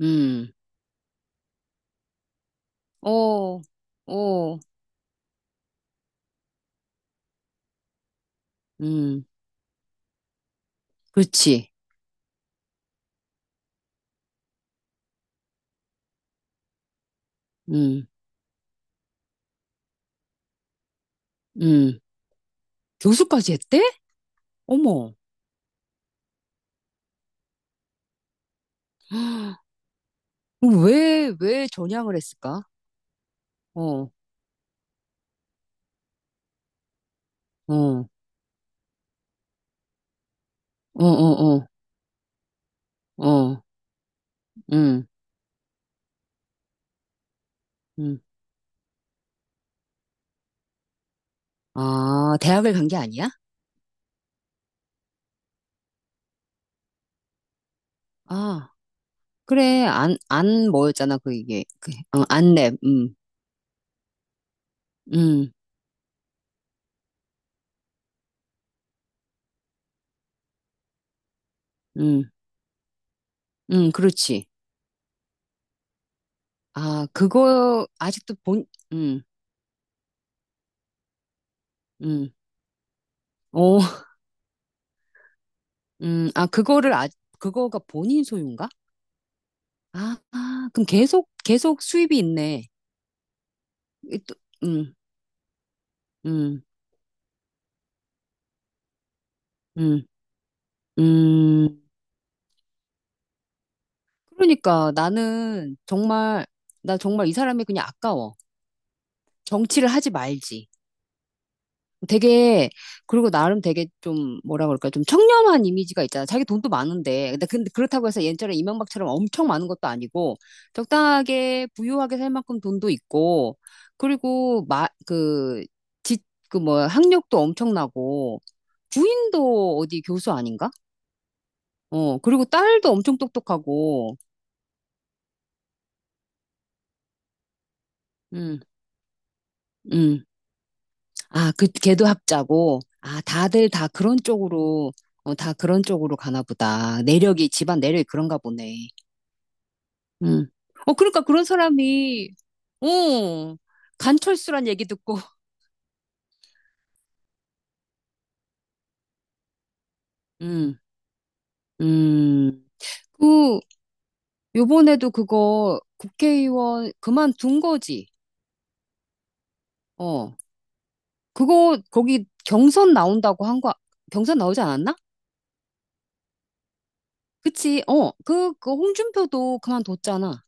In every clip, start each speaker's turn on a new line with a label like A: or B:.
A: 음, 오, 오, 음, 그렇지. 음, 음. 교수까지 했대? 어머. 그럼 왜 전향을 했을까? 어, 어, 어, 어, 어, 어, 음, 음. 아, 대학을 간 게 아니야? 아, 그래. 안 뭐였잖아, 그 이게. 그, 어, 안랩, 음, 음, 그렇지. 아, 그거, 아직도 본, 음, 음, 오, 아, 그거를, 아, 그거가 본인 소유인가? 아, 아, 그럼 계속 수입이 있네. 이 또- 음, 음, 음, 음. 그러니까 나는 정말, 나 정말 이 사람이 그냥 아까워. 정치를 하지 말지. 되게 그리고 나름 되게 좀 뭐라 그럴까 좀 청렴한 이미지가 있잖아. 자기 돈도 많은데 근데 그렇다고 해서 옛날에 이명박처럼 엄청 많은 것도 아니고 적당하게 부유하게 살 만큼 돈도 있고 그리고 마그지그뭐 학력도 엄청나고 부인도 어디 교수 아닌가? 어 그리고 딸도 엄청 똑똑하고 음 음. 아, 그, 걔도 합자고. 아, 다들 다 그런 쪽으로, 어, 다 그런 쪽으로 가나 보다. 내력이, 집안 내력이 그런가 보네. 음. 어, 그러니까 그런 사람이, 어, 간철수란 얘기 듣고, 음, 음. 그, 요번에도 그거 국회의원 그만둔 거지. 어, 그거, 거기 경선 나온다고 한 거, 경선 나오지 않았나? 그치, 어, 그, 그 홍준표도 그만뒀잖아.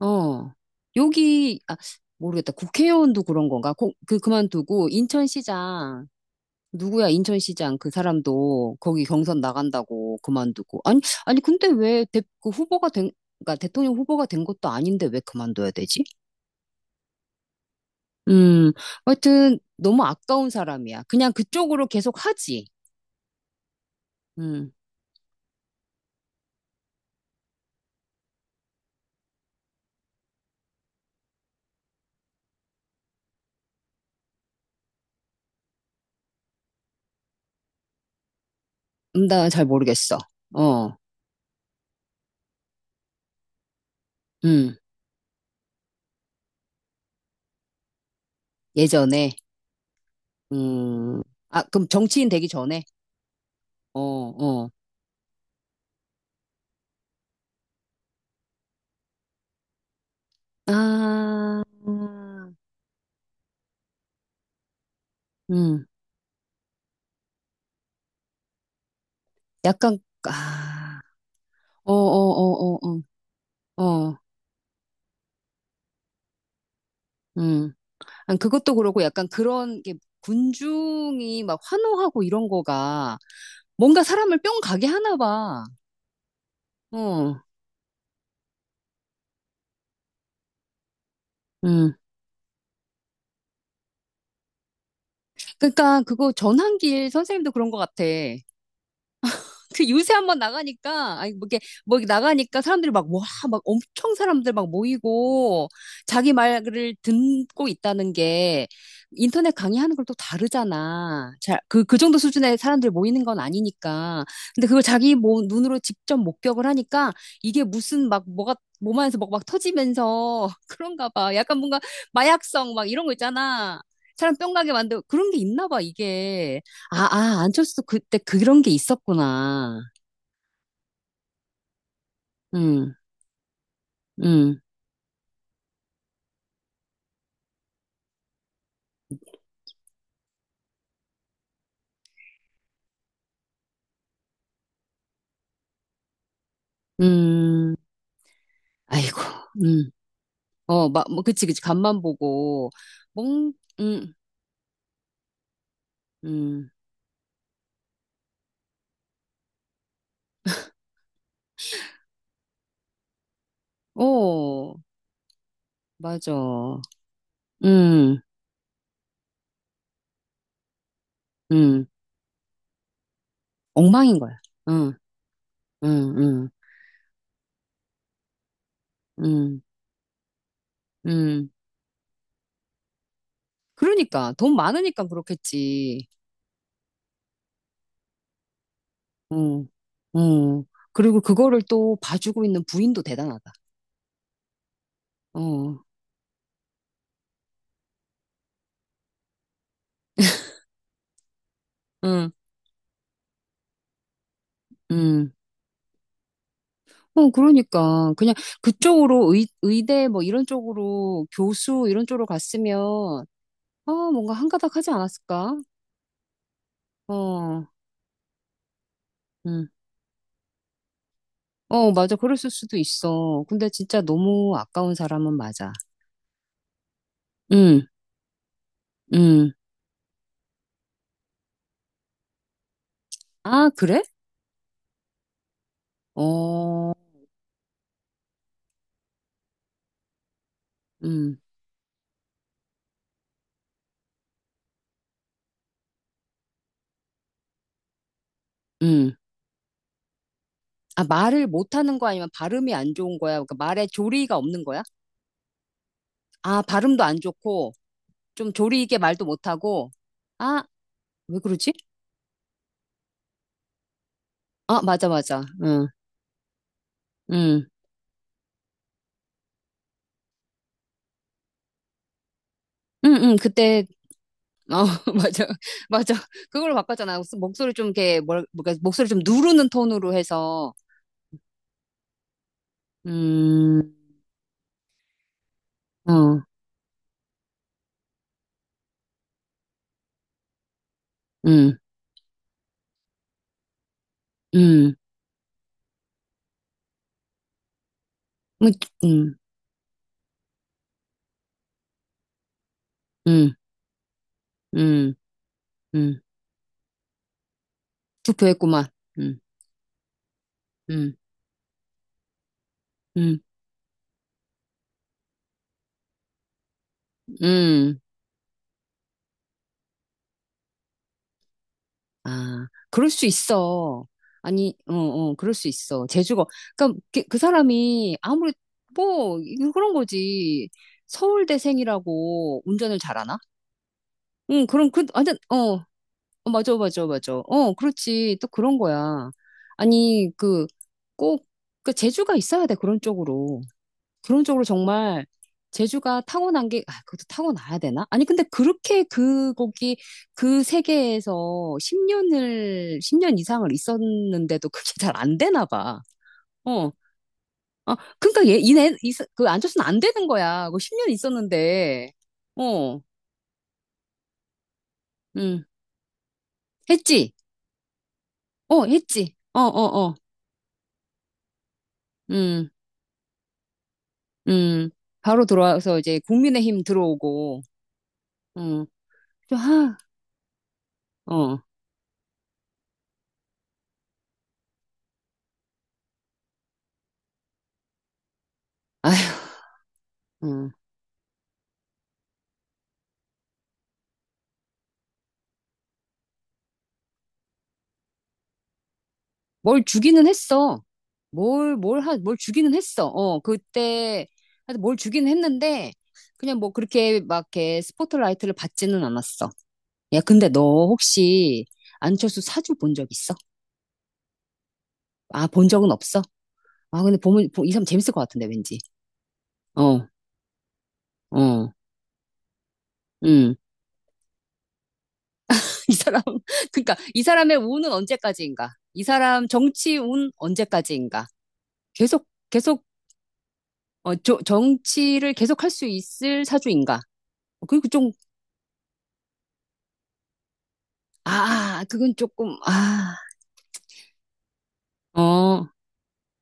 A: 어. 여기, 아, 모르겠다. 국회의원도 그런 건가? 고- 그, 그만두고, 인천시장, 누구야, 인천시장, 그 사람도 거기 경선 나간다고 그만두고. 아니, 아니, 근데 왜 대, 그 후보가 된, 그러니까 대통령 후보가 된 것도 아닌데 왜 그만둬야 되지? 음, 하여튼, 너무 아까운 사람이야. 그냥 그쪽으로 계속 하지. 음, 나잘 모르겠어. 어, 음, 예전에, 음, 아, 그럼 정치인 되기 전에? 어, 어. 아, 음, 약간, 아, 어, 어, 어, 어, 어, 어, 음. 아니, 그것도 그러고 약간 그런 게 군중이 막 환호하고 이런 거가 뭔가 사람을 뿅 가게 하나 봐. 어, 음. 그러니까 그거 전환길 선생님도 그런 것 같아. 그 요새 한번 나가니까 아니 뭐 이게 뭐 이렇게 나가니까 사람들이 막 와 막 엄청 사람들 막 모이고 자기 말을 듣고 있다는 게 인터넷 강의하는 걸 또 다르잖아. 잘 그, 그 정도 수준의 사람들 모이는 건 아니니까. 근데 그걸 자기 뭐 눈으로 직접 목격을 하니까 이게 무슨 막 뭐가 몸 안에서 막 터지면서 그런가 봐. 약간 뭔가 마약성 막 이런 거 있잖아. 사람 뿅 가게 만들고 그런 게 있나 봐, 이게. 아, 아, 안철수도 그때 그런 게 있었구나. 응, 응, 음, 아이고, 응. 어, 막, 뭐, 그치, 그치, 간만 보고, 멍, 응, 응. 어, 맞아. 응, 응. 엉망인 거야. 응, 응, 응, 응, 응. 그러니까, 돈 많으니까 그렇겠지. 응, 응. 그리고 그거를 또 봐주고 있는 부인도 대단하다. 어, 응, 응. 어, 그러니까. 그냥 그쪽으로 의, 의대 뭐 이런 쪽으로 교수 이런 쪽으로 갔으면, 아, 뭔가 한가닥 하지 않았을까? 어, 응 어, 맞아. 그랬을 수도 있어. 근데 진짜 너무 아까운 사람은 맞아. 응 응 아, 그래? 어, 응 응 아, 말을 못하는 거 아니면 발음이 안 좋은 거야? 그러니까 말에 조리가 없는 거야? 아, 발음도 안 좋고, 좀 조리 있게 말도 못하고, 아, 왜 그러지? 아, 맞아, 맞아. 응, 응. 응응 그때 어 맞아 맞아 그걸로 바꿨잖아 목소리 좀 이렇게 뭘 뭐가 목소리 좀 누르는 톤으로 해서 음어음음음음음음음 투표했구만 음음음음아 그럴 수 있어 아니 어어 그럴 수 있어 재주가 그러니까 그 사람이 아무리 뭐 이거 그런 거지 서울대생이라고 운전을 잘하나? 응, 그럼 그 완전 어, 맞아, 맞아, 맞아. 어, 그렇지. 또 그런 거야. 아니, 그, 꼭, 그, 재주가 있어야 돼, 그런 쪽으로. 그런 쪽으로 정말, 재주가 타고난 게, 아, 그것도 타고나야 되나? 아니, 근데 그렇게 그 거기 그 세계에서 10년을, 10년 이상을 있었는데도 그게 잘 안 되나 봐. 어. 아, 그러니까 얘, 이네, 이, 사- 그, 앉았으면 안 되는 거야. 그 10년 있었는데. 어, 음 했지? 어, 했지? 어, 어, 어. 음 음, 바로 들어와서 이제 국민의힘 들어오고, 음, 좀 하, 어, 아, 음, 뭘 주기는 했어. 뭘, 뭘 하, 뭘 주기는 했어. 어, 그때, 하여튼 뭘 주기는 했는데, 그냥 뭐 그렇게 막 이렇게 스포트라이트를 받지는 않았어. 야, 근데 너 혹시 안철수 사주 본 적 있어? 아, 본 적은 없어? 아, 근데 보면, 보- 이 사람 재밌을 것 같은데, 왠지. 어, 어, 응. 이 사람, 그러니까 이 사람의 운은 언제까지인가? 이 사람 정치 운 언제까지인가? 계속, 어, 저- 정치를 계속 할 수 있을 사주인가? 어, 그리고 좀, 아, 그건 조금, 아, 어,